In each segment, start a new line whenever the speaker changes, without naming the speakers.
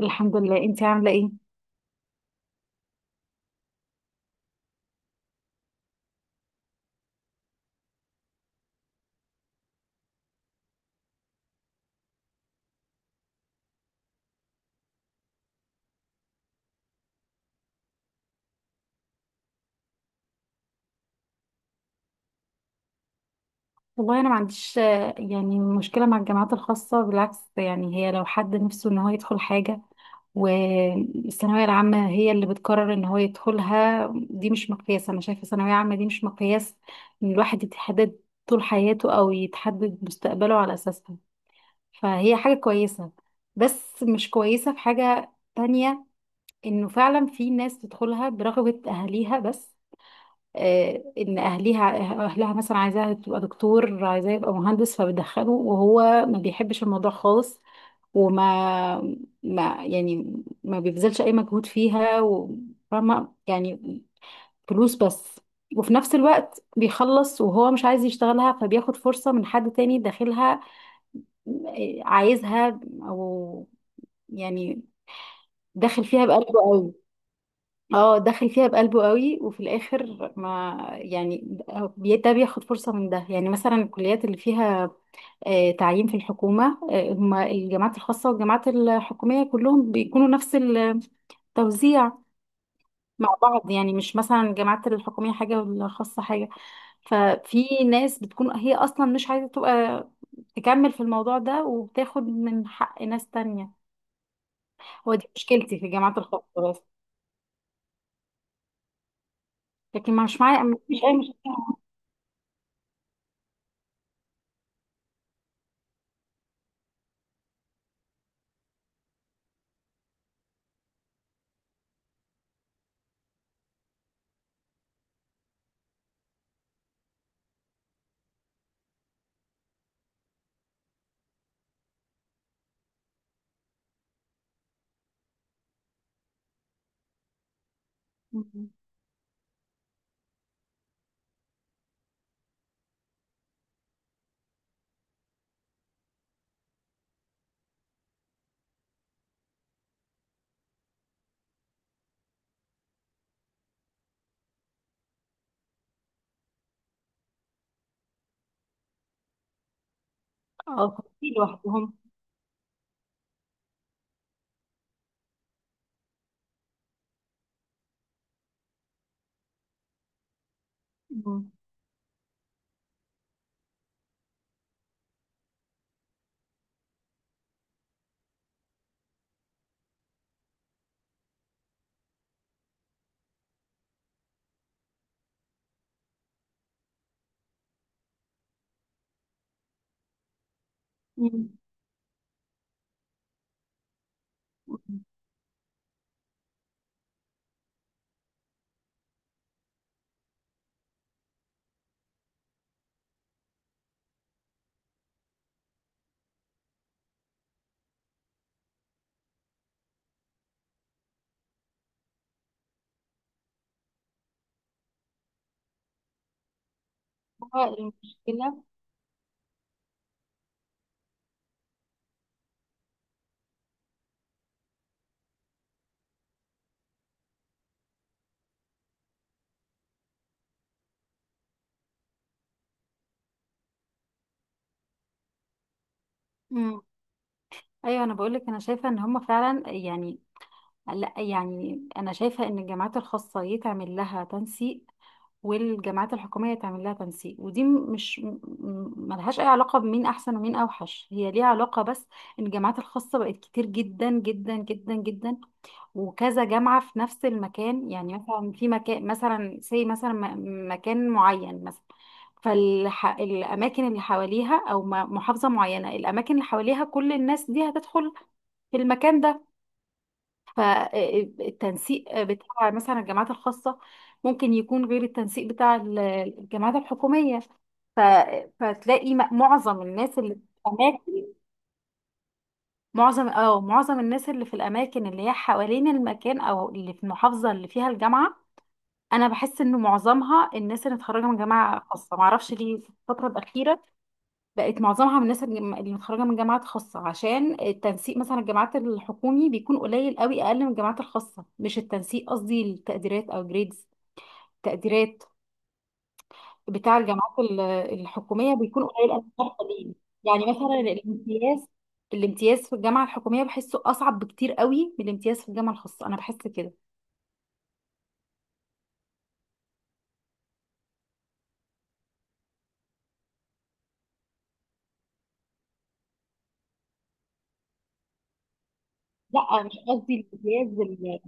الحمد لله، انتي عامله ايه؟ والله انا ما عنديش يعني مشكله مع الجامعات الخاصه. بالعكس، يعني هي لو حد نفسه ان هو يدخل حاجه والثانويه العامه هي اللي بتقرر ان هو يدخلها، دي مش مقياس. انا شايفه الثانويه العامه دي مش مقياس ان الواحد يتحدد طول حياته او يتحدد مستقبله على اساسها. فهي حاجه كويسه، بس مش كويسه في حاجه تانية، انه فعلا في ناس تدخلها برغبه اهاليها بس. آه، ان اهليها اهلها مثلا عايزاها تبقى دكتور، عايزاه يبقى مهندس، فبيدخله وهو ما بيحبش الموضوع خالص. وما ما يعني ما بيبذلش اي مجهود فيها وفاهمه، يعني فلوس بس. وفي نفس الوقت بيخلص وهو مش عايز يشتغلها، فبياخد فرصة من حد تاني داخلها. آه، عايزها او يعني داخل فيها بقلبه قوي. اه، دخل فيها بقلبه قوي وفي الاخر، ما يعني، ده بياخد فرصه من ده. يعني مثلا الكليات اللي فيها تعيين في الحكومه، هما الجامعات الخاصه والجامعات الحكوميه كلهم بيكونوا نفس التوزيع مع بعض. يعني مش مثلا الجامعات الحكوميه حاجه والخاصه حاجه. ففي ناس بتكون هي اصلا مش عايزه تبقى تكمل في الموضوع ده وبتاخد من حق ناس تانية. هو دي مشكلتي في الجامعات الخاصه بس، لكن مش معايا مش اي مشكله. اه، خطيب لوحدهم. مم. مم. مم. هو المشكلة. مم. أيوة، أنا بقولك أنا شايفة إن هما فعلا، يعني، لا يعني أنا شايفة إن الجامعات الخاصة يتعمل لها تنسيق والجامعات الحكومية يتعمل لها تنسيق. ودي م- مش م- م- ملهاش أي علاقة بمين أحسن ومين أوحش. هي ليها علاقة بس إن الجامعات الخاصة بقت كتير جدا جدا جدا جدا، وكذا جامعة في نفس المكان. يعني مثلا في مكان، مثلا زي مثلا مكان معين مثلا، فالأماكن اللي حواليها أو محافظة معينة، الأماكن اللي حواليها كل الناس دي هتدخل في المكان ده. فالتنسيق بتاع مثلا الجامعات الخاصة ممكن يكون غير التنسيق بتاع الجامعات الحكومية. ف... فتلاقي معظم الناس اللي في الأماكن، معظم الناس اللي في الأماكن اللي هي حوالين المكان أو اللي في المحافظة اللي فيها الجامعة. انا بحس انه معظمها الناس اللي متخرجه من جامعه خاصه، معرفش ليه. في الفتره الاخيره بقت معظمها من الناس اللي متخرجه من جامعات خاصه، عشان التنسيق مثلا الجامعات الحكومي بيكون قليل قوي، اقل من الجامعات الخاصه. مش التنسيق، قصدي التقديرات او جريدز، تقديرات بتاع الجامعات الحكوميه بيكون قليل قوي في الفترة دي. يعني مثلا الامتياز في الجامعه الحكوميه بحسه اصعب بكتير قوي من الامتياز في الجامعه الخاصه، انا بحس كده. لا، مش قصدي الامتياز.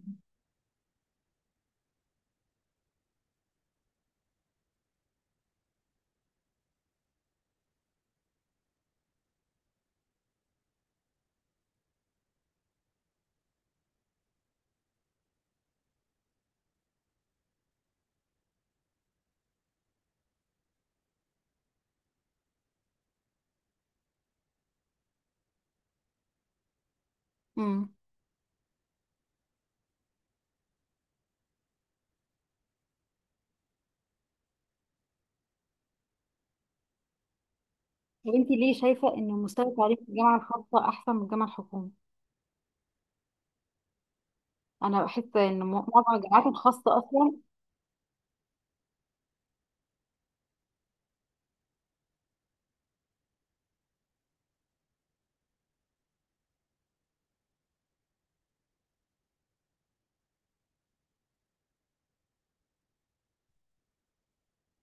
مم. هو انت ليه شايفه ان مستوى التعليم في الجامعه الخاصه احسن من الجامعه الحكوميه؟ انا بحس ان معظم الجامعات الخاصه اصلا.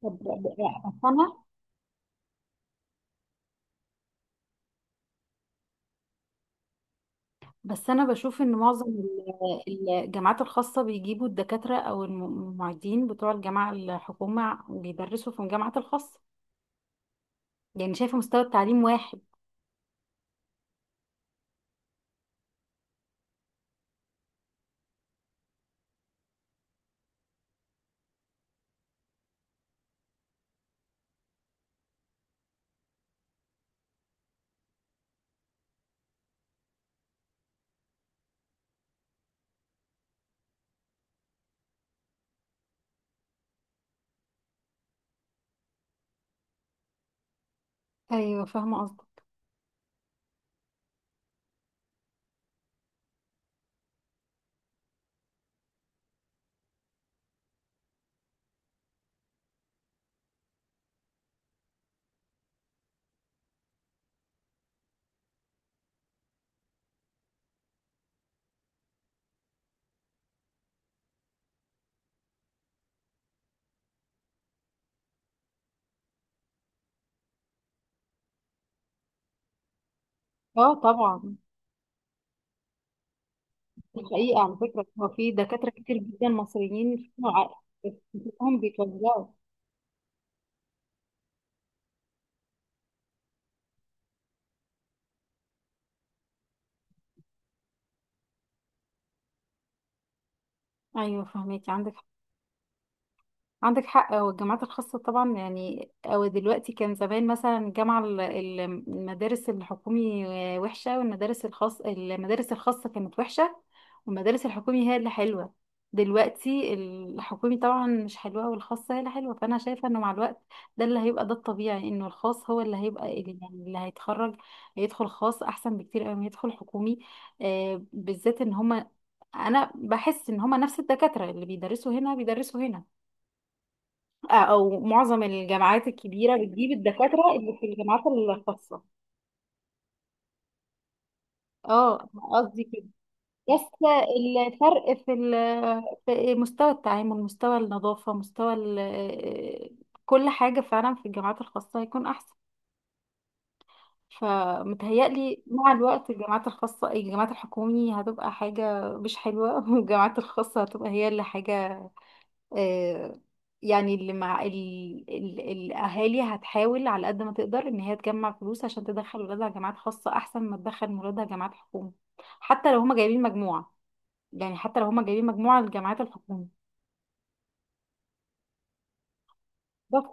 طب- بس انا بس انا بشوف ان معظم الجامعات الخاصه بيجيبوا الدكاتره او المعيدين بتوع الجامعه الحكومه بيدرسوا في الجامعات الخاصه. يعني شايفه مستوى التعليم واحد. ايوه، فاهمه قصدك. اه طبعا، دي حقيقه على فكره. هو في دكاتره كتير جدا مصريين فيهم بيتوزعوا. ايوه فهميكي. عندك حق. هو الجامعات الخاصة طبعا، يعني، أو دلوقتي، كان زمان مثلا المدارس الحكومي وحشة، والمدارس الخاصة كانت وحشة والمدارس الحكومي هي اللي حلوة. دلوقتي الحكومي طبعا مش حلوة والخاصة هي اللي حلوة، فأنا شايفة إنه مع الوقت ده اللي هيبقى. ده الطبيعي إنه الخاص هو اللي هيبقى اللي هيتخرج هيدخل خاص أحسن بكتير أوي ما يدخل حكومي. بالذات إن هما، أنا بحس إن هما نفس الدكاترة اللي بيدرسوا هنا بيدرسوا هنا. او معظم الجامعات الكبيره بتجيب الدكاتره اللي في الجامعات الخاصه. اه، قصدي كده. بس الفرق في في مستوى التعامل، مستوى النظافه، مستوى كل حاجه فعلا في الجامعات الخاصه هيكون احسن. فمتهيألي مع الوقت الجامعات الحكومية هتبقى حاجة مش حلوة والجامعات الخاصة هتبقى هي اللي حاجة. آه، يعني اللي مع الأهالي هتحاول على قد ما تقدر إن هي تجمع فلوس عشان تدخل ولادها جامعات خاصة أحسن ما تدخل ولادها جامعات حكومة، حتى لو هما جايبين مجموعة. الجامعات الحكومة. بس.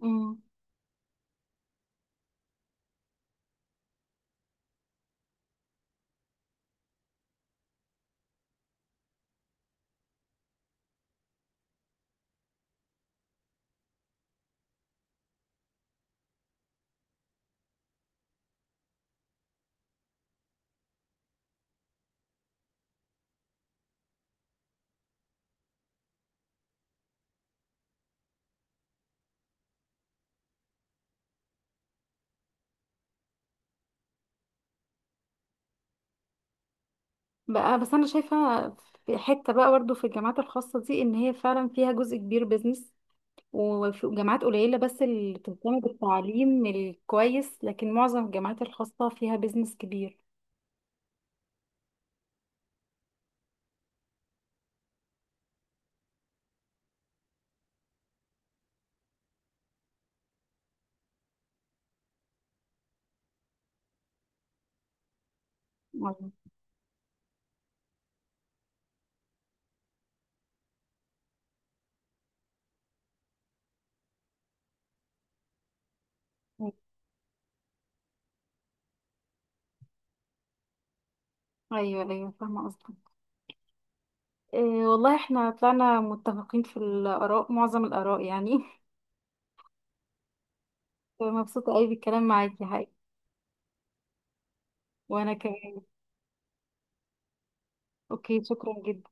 مم. بقى بس أنا شايفة في حتة بقى برضه في الجامعات الخاصة دي، إن هي فعلا فيها جزء كبير بيزنس، وفي جامعات قليلة بس اللي بتهتم بالتعليم الكويس، لكن معظم الجامعات الخاصة فيها بيزنس كبير. أيوة أيوة أيوة، فاهمة قصدك. إيه، والله احنا طلعنا متفقين في الآراء، معظم الآراء، يعني. مبسوطة قوي بالكلام معاكي حقيقي. وأنا كمان. أوكي، شكرا جدا.